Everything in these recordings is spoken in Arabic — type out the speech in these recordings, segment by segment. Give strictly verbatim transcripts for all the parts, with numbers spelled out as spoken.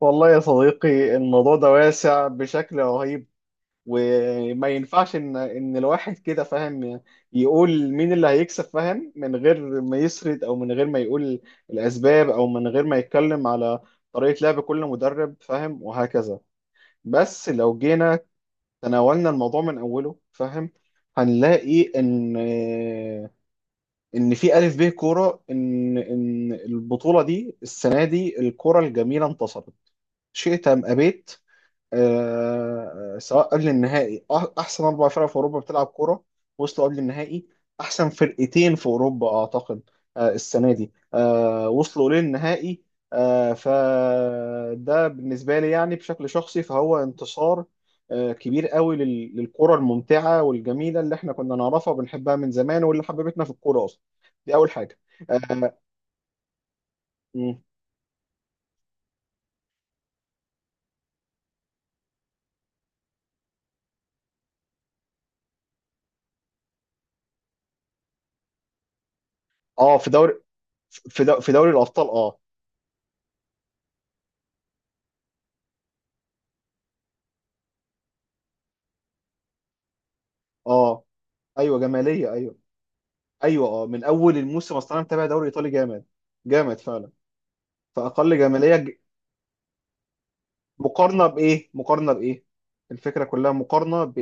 والله يا صديقي الموضوع ده واسع بشكل رهيب، وما ينفعش ان ان الواحد كده فاهم يقول مين اللي هيكسب، فاهم، من غير ما يسرد او من غير ما يقول الاسباب او من غير ما يتكلم على طريقة لعب كل مدرب، فاهم، وهكذا. بس لو جينا تناولنا الموضوع من اوله، فاهم، هنلاقي ان ان في الف ب كوره ان ان البطولة دي السنة دي الكوره الجميلة انتصرت، شئت ام ابيت. آه، سواء قبل النهائي أح- احسن اربع فرق في اوروبا بتلعب كوره وصلوا قبل النهائي. احسن فرقتين في اوروبا اعتقد. آه، السنه دي آه، وصلوا للنهائي. آه، فده بالنسبه لي يعني بشكل شخصي فهو انتصار آه، كبير قوي لل- للكره الممتعه والجميله اللي احنا كنا نعرفها وبنحبها من زمان واللي حببتنا في الكوره اصلا. دي اول حاجه. اه. مم. آه، في دوري في دو- في دوري الابطال اه. اه. ايوه جماليه ايوه. ايوه اه، من اول الموسم اصلا انا متابع دوري ايطالي جامد، جامد فعلا. فاقل جماليه ج- مقارنه بايه، مقارنه بايه؟ الفكره كلها مقارنه ب... ب...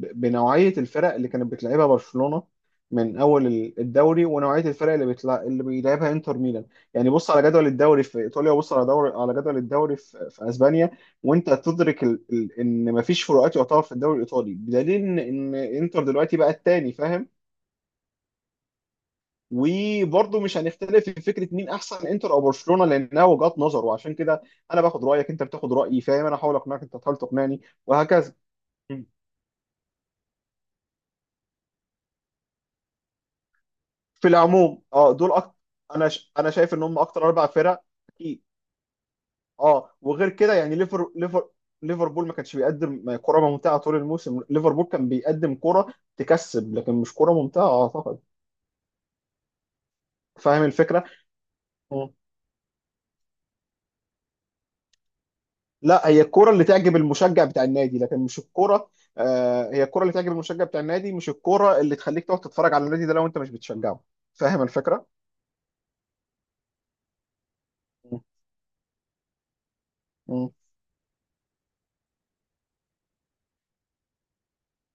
ب... بنوعيه الفرق اللي كانت بتلعبها برشلونه من اول ال- الدوري، ونوعيه الفرق اللي بتلع... اللي بيلعبها انتر ميلان. يعني بص على جدول الدوري في ايطاليا وبص على دوري على جدول الدوري في, في اسبانيا، وانت تدرك ال... ال... ان مفيش فروقات يعتبر في الدوري الايطالي، بدليل ان إن انتر دلوقتي بقى الثاني، فاهم. وبرضه مش هنختلف في فكره مين احسن انتر او برشلونه، لانها وجهات نظر، وعشان كده انا باخد رايك، انت بتاخد رايي، فاهم، انا احاول اقنعك، انت تحاول تقنعني وهكذا. مم. في العموم اه دول أكتر. انا ش... انا شايف ان هم اكتر اربع فرق. اكيد. اه وغير كده يعني ليفر ليفر ليفربول ما كانش بيقدم كرة ممتعة طول الموسم. ليفربول كان بيقدم كرة تكسب لكن مش كرة ممتعة اعتقد. فاهم الفكرة. م. لا، هي الكرة اللي تعجب المشجع بتاع النادي لكن مش الكرة. آه هي الكرة اللي تعجب المشجع بتاع النادي، مش الكرة اللي تخليك تقعد تتفرج على النادي ده لو انت مش بتشجعه. فاهم الفكرة؟ م- م-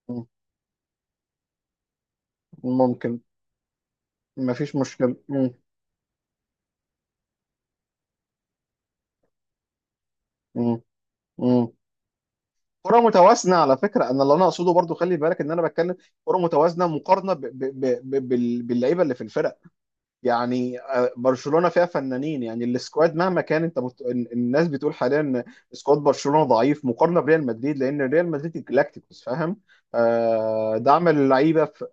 م- ممكن. مفيش مشكلة. م- م- م. كرة متوازنة على فكرة، انا اللي انا اقصده برضو خلي بالك ان انا بتكلم كرة متوازنة مقارنة ب- ب- ب- ب- بال- باللعيبة اللي في الفرق. يعني آه، برشلونة فيها فنانين، يعني السكواد مهما كان انت بت... الناس بتقول حاليا ان سكواد برشلونة ضعيف مقارنة بريال مدريد، لان ريال مدريد الجلاكتيكوس، فاهم. آه دعم اللعيبة في...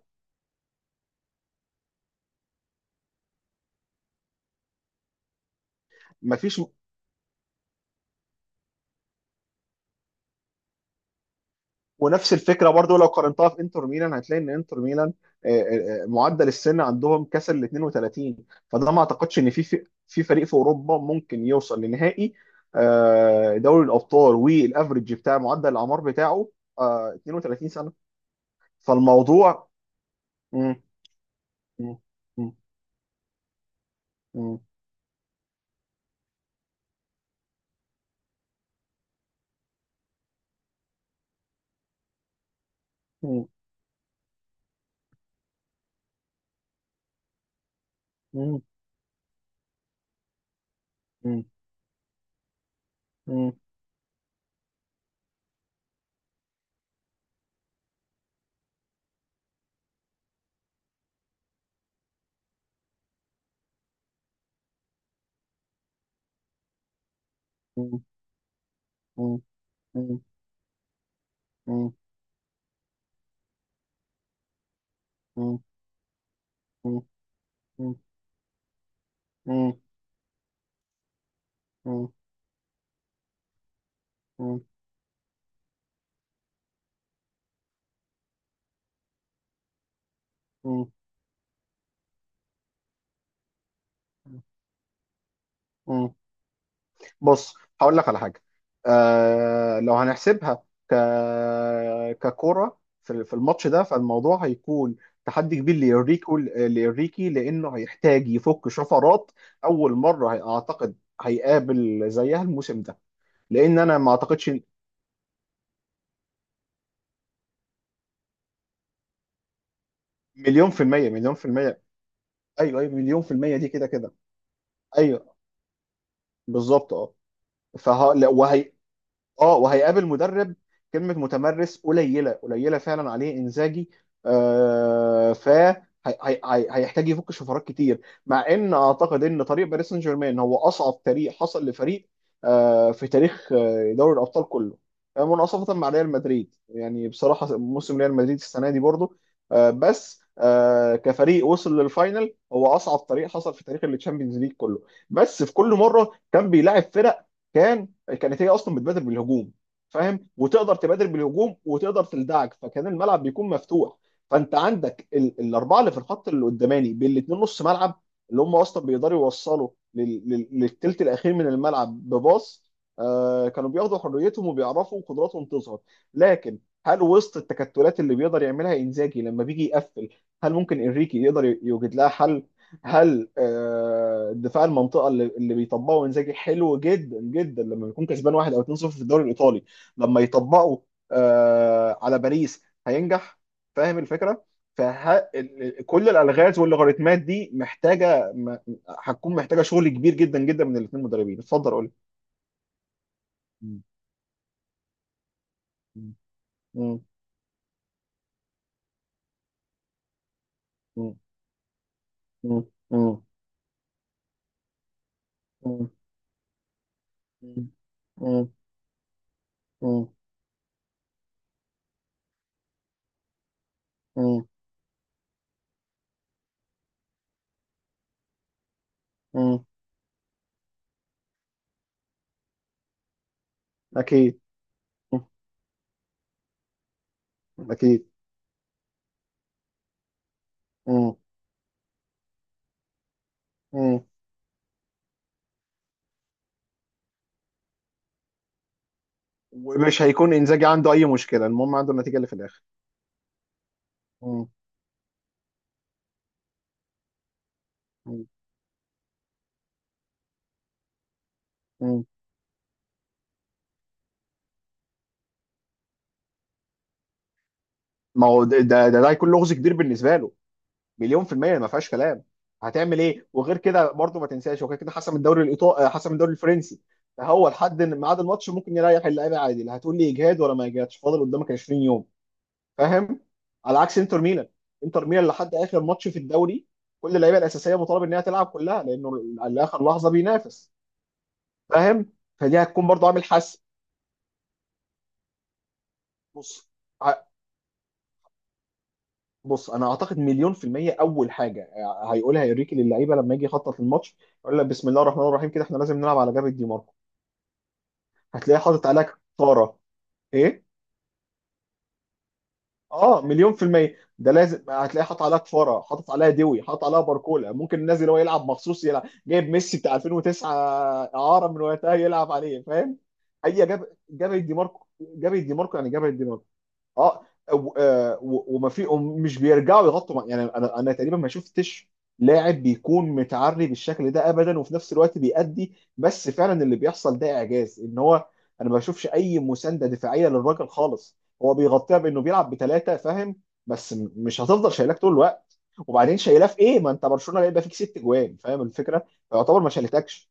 مفيش. ونفس الفكرة برضو لو قارنتها في انتر ميلان هتلاقي ان انتر ميلان آه، آه، آه، معدل السن عندهم كسر ال اتنين وتلاتين. فده ما اعتقدش ان في في في فريق في اوروبا ممكن يوصل لنهائي آه، دوري الابطال، والافرج بتاع معدل الاعمار بتاعه آه، اثنين وثلاثين سنة. فالموضوع. مم. مم. مم. مم. مم. مم. مم. مم. مم. مم. مم. مم. مم. مم. مم. مم. مم. مم. مم. بص. هقول لك على حاجه. آه لو هنحسبها ك ككره في في الماتش ده فالموضوع هيكون تحدي كبير لإنريكو لإنريكي، لأنه هيحتاج يفك شفرات. أول مرة هي- أعتقد هيقابل زيها الموسم ده، لأن أنا ما أعتقدش. مليون في المية مليون في المية. ايوه ايوه مليون في المية دي كده كده. ايوه بالظبط اه. فه... لا، وهي... اه وهيقابل مدرب كلمة متمرس قليلة، قليلة فعلا عليه انزاجي. آه ف هي- هي- هي- هيحتاج يفك شفرات كتير، مع ان اعتقد ان طريق باريس سان جيرمان هو اصعب طريق حصل لفريق آه في تاريخ آه، دوري الابطال كله، آه، مناصفة مع ريال مدريد. يعني بصراحة موسم ريال مدريد السنة دي برضو آه، بس آه كفريق وصل للفاينل هو اصعب طريق حصل في تاريخ التشامبيونز ليج كله. بس في كل مرة كان بيلاعب فرق كان كانت هي اصلا بتبادر بالهجوم، فاهم، وتقدر تبادر بالهجوم وتقدر تلدعك، فكان الملعب بيكون مفتوح. فانت عندك ال... الاربعه اللي في الخط اللي قداماني بالاثنين نص ملعب، اللي هم اصلا بيقدروا يوصلوا لل... لل... للتلت الاخير من الملعب بباص. آه كانوا بياخدوا حريتهم وبيعرفوا قدراتهم تظهر. لكن هل وسط التكتلات اللي بيقدر يعملها انزاجي لما بيجي يقفل، هل ممكن انريكي يقدر يوجد لها حل؟ هل آه، دفاع المنطقه اللي اللي بيطبقه انزاجي حلو جدا جدا لما بيكون كسبان واحد او اتنين صفر في الدوري الايطالي، لما يطبقه آه، على باريس هينجح؟ فاهم الفكره؟ فكل الالغاز واللوغاريتمات دي محتاجه م- هتكون محتاجه شغل كبير جدا جدا من الاثنين مدربين. اتفضل قول. مم. مم. مم. مم. مم. مم. مم. مم. مم. مم. أكيد. مم. أكيد. مم. مم. ومش هيكون انزاجي عنده اي مشكله، المهم عنده النتيجه اللي في الاخر. مم. مم. مم. ما هو ده ده ده هيكون لغز كبير بالنسبه له. مليون في الميه ما فيهاش كلام. هتعمل ايه؟ وغير كده برضه ما تنساش هو كده كده حسم الدوري الايطالي، حسم الدوري الفرنسي. فهو لحد إن ميعاد الماتش ممكن يريح اللعيبه عادي، لا هتقول لي اجهاد ولا ما اجهادش، فاضل قدامك عشرين يوم، فاهم، على عكس انتر ميلان. انتر ميلان لحد اخر ماتش في الدوري كل اللعيبه الاساسيه مطالب انها تلعب كلها، لانه لاخر لحظه بينافس، فاهم. فدي هتكون برضه عامل حسم. بص بص انا اعتقد مليون في المية اول حاجة آه، هيقولها يوريكي للعيبة لما يجي يخطط للماتش، يقول لك بسم الله الرحمن الرحيم، كده احنا لازم نلعب على جبهة دي ماركو. هتلاقيه حاطط عليها كفارة. ايه؟ اه مليون في المية ده لازم، هتلاقيه حاطط عليها كفارة، حاطط عليها دوي، حاطط عليها باركولا، ممكن نازل هو يلعب مخصوص، يلعب جايب ميسي بتاع الفين وتسعة اعارة من وقتها يلعب عليه، فاهم. هي جاب جبهة دي ماركو، جبهة دي ماركو يعني جبهة دي ماركو. اه و- آه، و- وما في، مش بيرجعوا يغطوا مع- يعني انا انا تقريبا ما شفتش لاعب بيكون متعري بالشكل ده ابدا وفي نفس الوقت بيأدي. بس فعلا اللي بيحصل ده اعجاز ان هو، انا ما بشوفش اي مسانده دفاعيه للراجل خالص، هو بيغطيها بانه بيلعب بثلاثه، فاهم. بس م- مش هتفضل شايلاك طول الوقت، وبعدين شايلاه في ايه؟ ما انت برشلونه بيبقى فيك ست جوان، فاهم الفكره. فيعتبر ما شالتكش.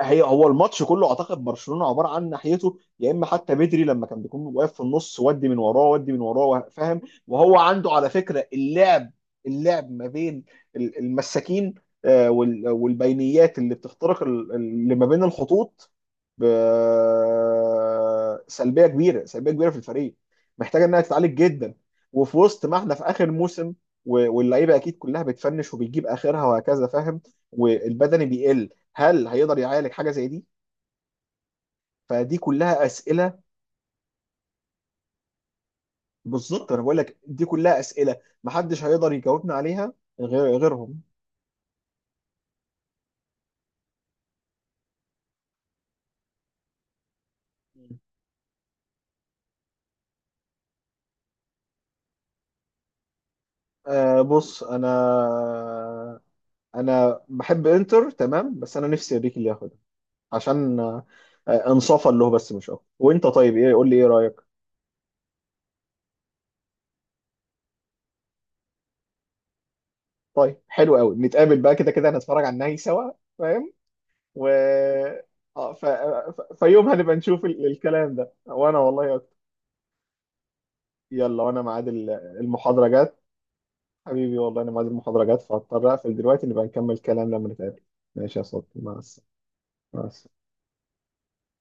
هي هو الماتش كله اعتقد برشلونه عباره عن ناحيته، يا اما حتى بدري لما كان بيكون واقف في النص ودي من وراه ودي من وراه وه- فاهم. وهو عنده على فكره اللعب، اللعب ما بين ال- المساكين آه، وال- والبينيات اللي بتخترق ال- اللي ما بين الخطوط. ب- سلبيه كبيره، سلبيه كبيره في الفريق، محتاجه انها تتعالج جدا. وفي وسط ما احنا في اخر موسم، و- واللعيبه اكيد كلها بتفنش وبتجيب اخرها وهكذا، فاهم، والبدني بيقل. هل هيقدر يعالج حاجه زي دي؟ فدي كلها اسئله. بالظبط انا بقول لك دي كلها اسئله محدش هيقدر يجاوبنا عليها غير غيرهم. آه بص. انا انا بحب انتر تمام، بس انا نفسي اريكي اللي ياخدها، عشان آه انصافا له، بس مش اكتر. وانت طيب ايه، قول لي ايه رايك؟ طيب حلو قوي، نتقابل بقى، كده كده هنتفرج على النهائي سوا، فاهم. و اه ف... ف... فيوم هنبقى نشوف ال- الكلام ده، وانا والله أكتر. يلا، وانا ميعاد ال- المحاضره جت. حبيبي والله، أنا ميعاد المحاضرة جت فهضطر أقفل دلوقتي، نبقى نكمل كلام لما نتقابل. ماشي يا صديقي مع السلامة. مع السلامة.